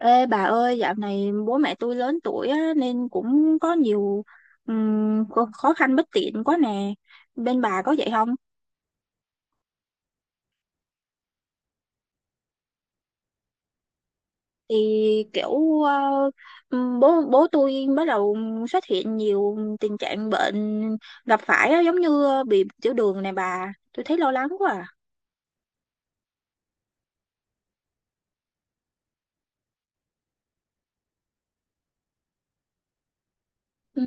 Ê bà ơi, dạo này bố mẹ tôi lớn tuổi á, nên cũng có nhiều khó khó khăn bất tiện quá nè. Bên bà có vậy không? Thì kiểu ờ, bố bố tôi bắt đầu xuất hiện nhiều tình trạng bệnh gặp phải á, giống như bị tiểu đường nè bà. Tôi thấy lo lắng quá à. Ừ,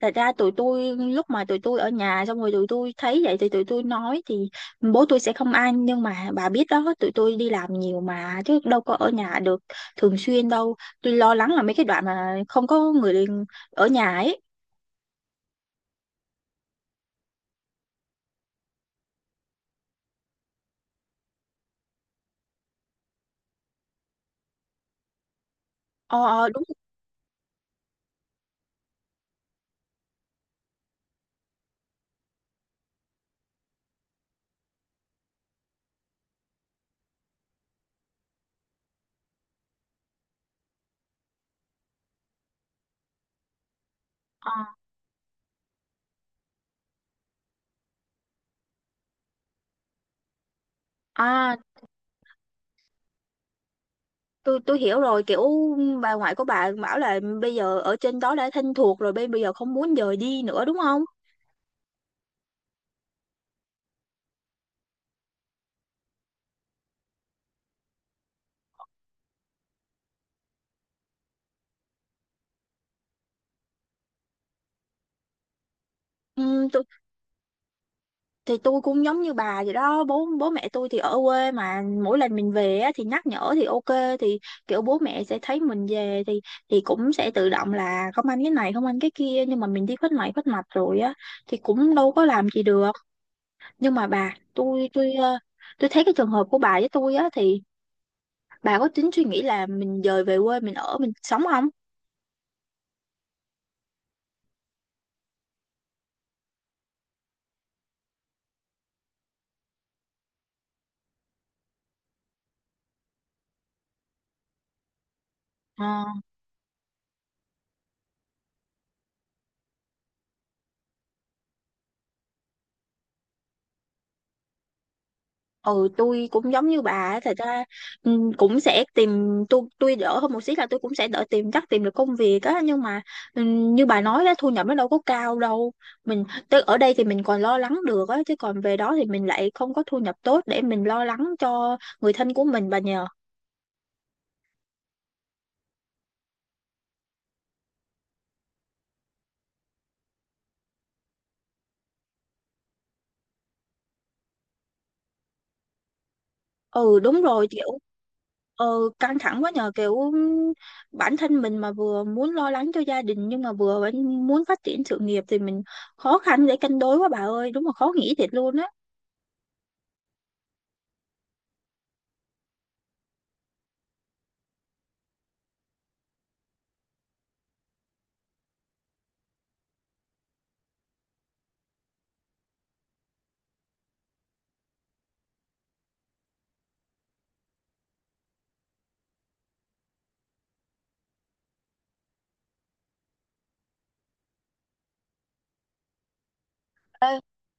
thật ra tụi tôi lúc mà tụi tôi ở nhà xong rồi tụi tôi thấy vậy thì tụi tôi nói thì bố tôi sẽ không ăn, nhưng mà bà biết đó, tụi tôi đi làm nhiều mà chứ đâu có ở nhà được thường xuyên đâu. Tôi lo lắng là mấy cái đoạn mà không có người ở nhà ấy. Ờ đúng. ờ À, tôi hiểu rồi, kiểu bà ngoại của bà bảo là bây giờ ở trên đó đã thân thuộc rồi, bây bây giờ không muốn dời đi nữa đúng không? Ừ, thì tôi cũng giống như bà vậy đó, bố bố mẹ tôi thì ở quê, mà mỗi lần mình về á, thì nhắc nhở thì ok, thì kiểu bố mẹ sẽ thấy mình về thì cũng sẽ tự động là không ăn cái này không ăn cái kia, nhưng mà mình đi khuất này khuất mặt rồi á thì cũng đâu có làm gì được. Nhưng mà bà tôi, tôi thấy cái trường hợp của bà với tôi á thì bà có tính suy nghĩ là mình dời về quê mình ở mình sống không? Ừ, tôi cũng giống như bà á, thật ra cũng sẽ tìm. Tôi đỡ hơn một xí là tôi cũng sẽ đỡ tìm, chắc tìm được công việc á, nhưng mà như bà nói đó, thu nhập nó đâu có cao đâu. Mình tới ở đây thì mình còn lo lắng được á, chứ còn về đó thì mình lại không có thu nhập tốt để mình lo lắng cho người thân của mình bà nhờ. Ừ, đúng rồi, kiểu ừ, căng thẳng quá nhờ, kiểu bản thân mình mà vừa muốn lo lắng cho gia đình nhưng mà vừa vẫn muốn phát triển sự nghiệp, thì mình khó khăn để cân đối quá bà ơi, đúng là khó nghĩ thiệt luôn á. Ê,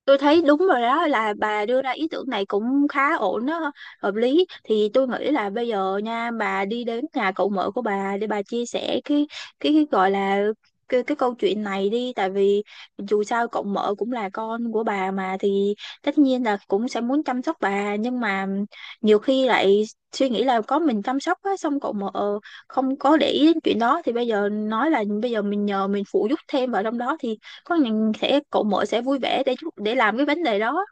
tôi thấy đúng rồi đó, là bà đưa ra ý tưởng này cũng khá ổn đó, hợp lý. Thì tôi nghĩ là bây giờ nha, bà đi đến nhà cậu mợ của bà để bà chia sẻ cái gọi là cái câu chuyện này đi. Tại vì dù sao cậu mợ cũng là con của bà mà, thì tất nhiên là cũng sẽ muốn chăm sóc bà, nhưng mà nhiều khi lại suy nghĩ là có mình chăm sóc á, xong cậu mợ không có để ý đến chuyện đó, thì bây giờ nói là bây giờ mình nhờ mình phụ giúp thêm vào trong đó thì có những sẽ cậu mỗi sẽ vui vẻ để để làm cái vấn đề đó.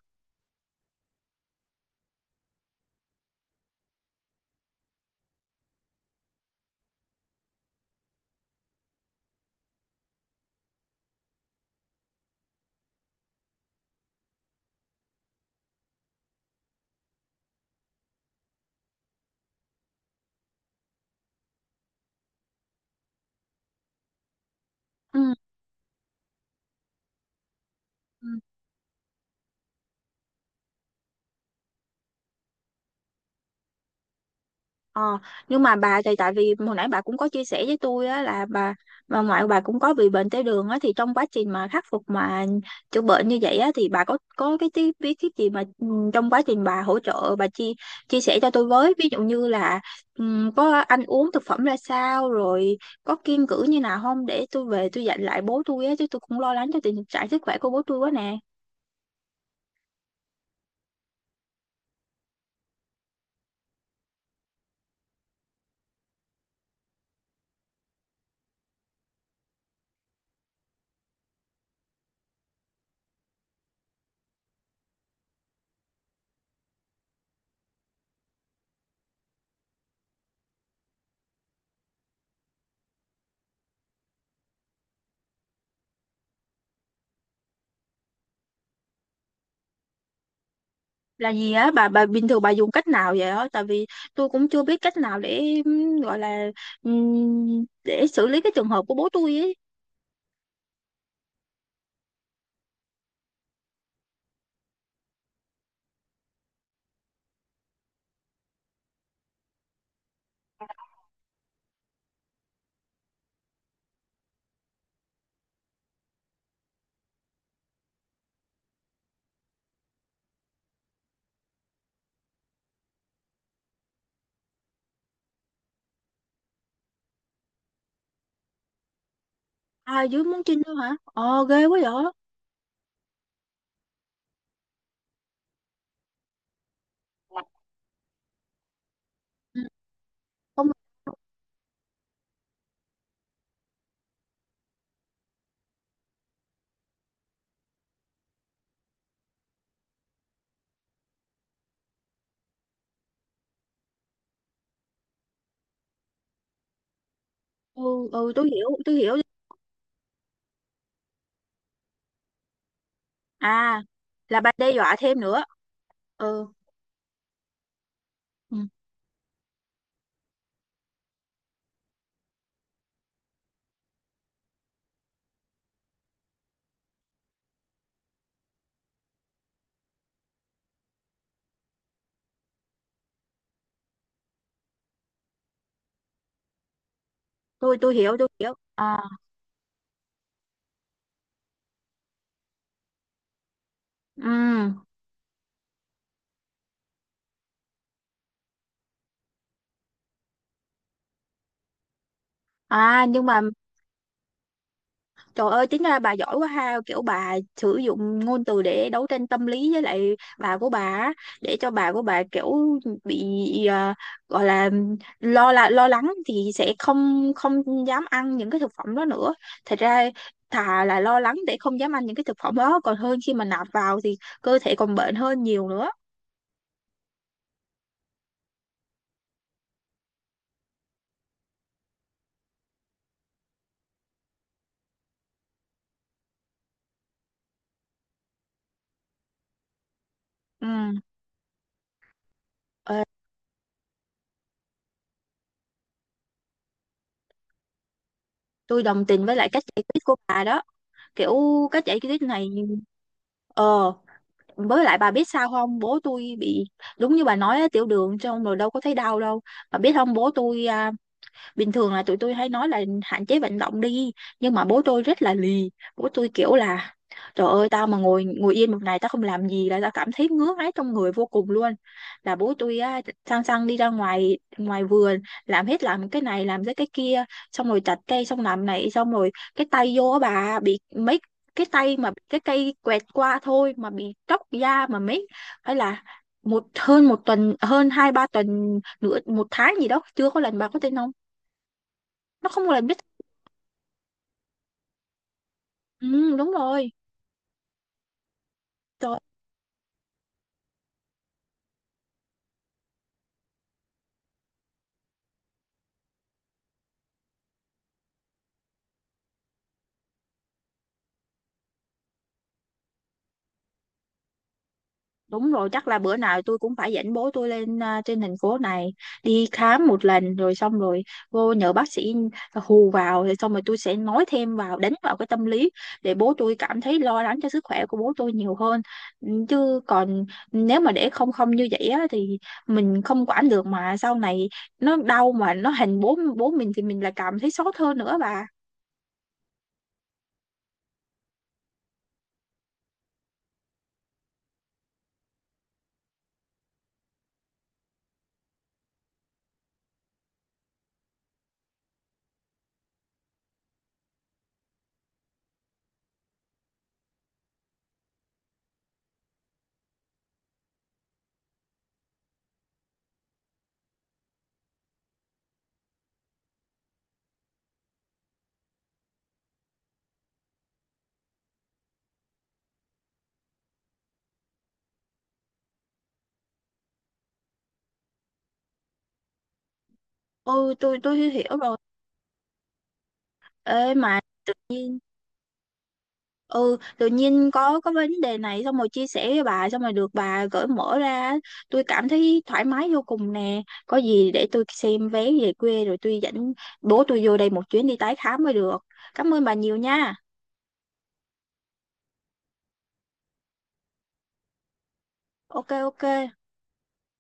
Ừ. Ừ. Ờ, nhưng mà bà thì tại vì hồi nãy bà cũng có chia sẻ với tôi á là bà ngoại của bà cũng có bị bệnh tiểu đường á, thì trong quá trình mà khắc phục mà chữa bệnh như vậy á thì bà có cái tí bí kíp gì mà trong quá trình bà hỗ trợ, bà chia chia sẻ cho tôi với. Ví dụ như là ừ, có ăn uống thực phẩm ra sao rồi có kiêng cữ như nào không, để tôi về tôi dặn lại bố tôi á, chứ tôi cũng lo lắng cho tình trạng sức khỏe của bố tôi quá nè. Là gì á Bà bình thường bà dùng cách nào vậy á? Tại vì tôi cũng chưa biết cách nào để gọi là để xử lý cái trường hợp của bố tôi ấy. À dưới muốn chinh nữa hả? Ờ ghê quá vậy. Ừ. Không. Ừ. Ừ, tôi hiểu tôi hiểu. À, là bà đe dọa thêm nữa. Ừ. Ừ, tôi hiểu tôi hiểu. À. Ừ. À, nhưng mà trời ơi, tính ra bà giỏi quá ha, kiểu bà sử dụng ngôn từ để đấu tranh tâm lý với lại bà của bà á, để cho bà của bà kiểu bị à, gọi là lo, là lo lắng, thì sẽ không không dám ăn những cái thực phẩm đó nữa. Thật ra thà là lo lắng để không dám ăn những cái thực phẩm đó, còn hơn khi mà nạp vào thì cơ thể còn bệnh hơn nhiều nữa. Ừ. ờ, tôi đồng tình với lại cách giải quyết của bà đó. Kiểu cách giải quyết này ờ, với lại bà biết sao không, bố tôi bị đúng như bà nói á, tiểu đường trong rồi đâu có thấy đau đâu. Bà biết không, bố tôi à, bình thường là tụi tôi hay nói là hạn chế vận động đi, nhưng mà bố tôi rất là lì. Bố tôi kiểu là trời ơi, tao mà ngồi ngồi yên một ngày tao không làm gì là tao cảm thấy ngứa ngáy trong người vô cùng luôn. Là bố tôi á, sang sang đi ra ngoài ngoài vườn, làm hết, làm cái này làm cái kia, xong rồi chặt cây, xong làm này, xong rồi cái tay vô á bà, bị mấy cái tay mà cái cây quẹt qua thôi mà bị tróc da mà mấy, hay là một hơn một tuần, hơn hai ba tuần, nửa một tháng gì đó chưa có lần bà có thể nấu. Nó không là biết. Ừ, đúng rồi. Trời, đúng rồi, chắc là bữa nào tôi cũng phải dẫn bố tôi lên à, trên thành phố này đi khám một lần, rồi xong rồi vô nhờ bác sĩ hù vào, rồi xong rồi tôi sẽ nói thêm vào, đánh vào cái tâm lý để bố tôi cảm thấy lo lắng cho sức khỏe của bố tôi nhiều hơn. Ừ, chứ còn nếu mà để không không như vậy á, thì mình không quản được, mà sau này nó đau mà nó hành bố bố mình thì mình lại cảm thấy xót hơn nữa bà. Ừ, tôi hiểu rồi. Ê mà ừ, tự nhiên có vấn đề này, xong rồi chia sẻ với bà, xong rồi được bà gởi mở ra, tôi cảm thấy thoải mái vô cùng nè. Có gì để tôi xem vé về quê rồi tôi dẫn bố tôi vô đây một chuyến đi tái khám mới được. Cảm ơn bà nhiều nha. Ok ok.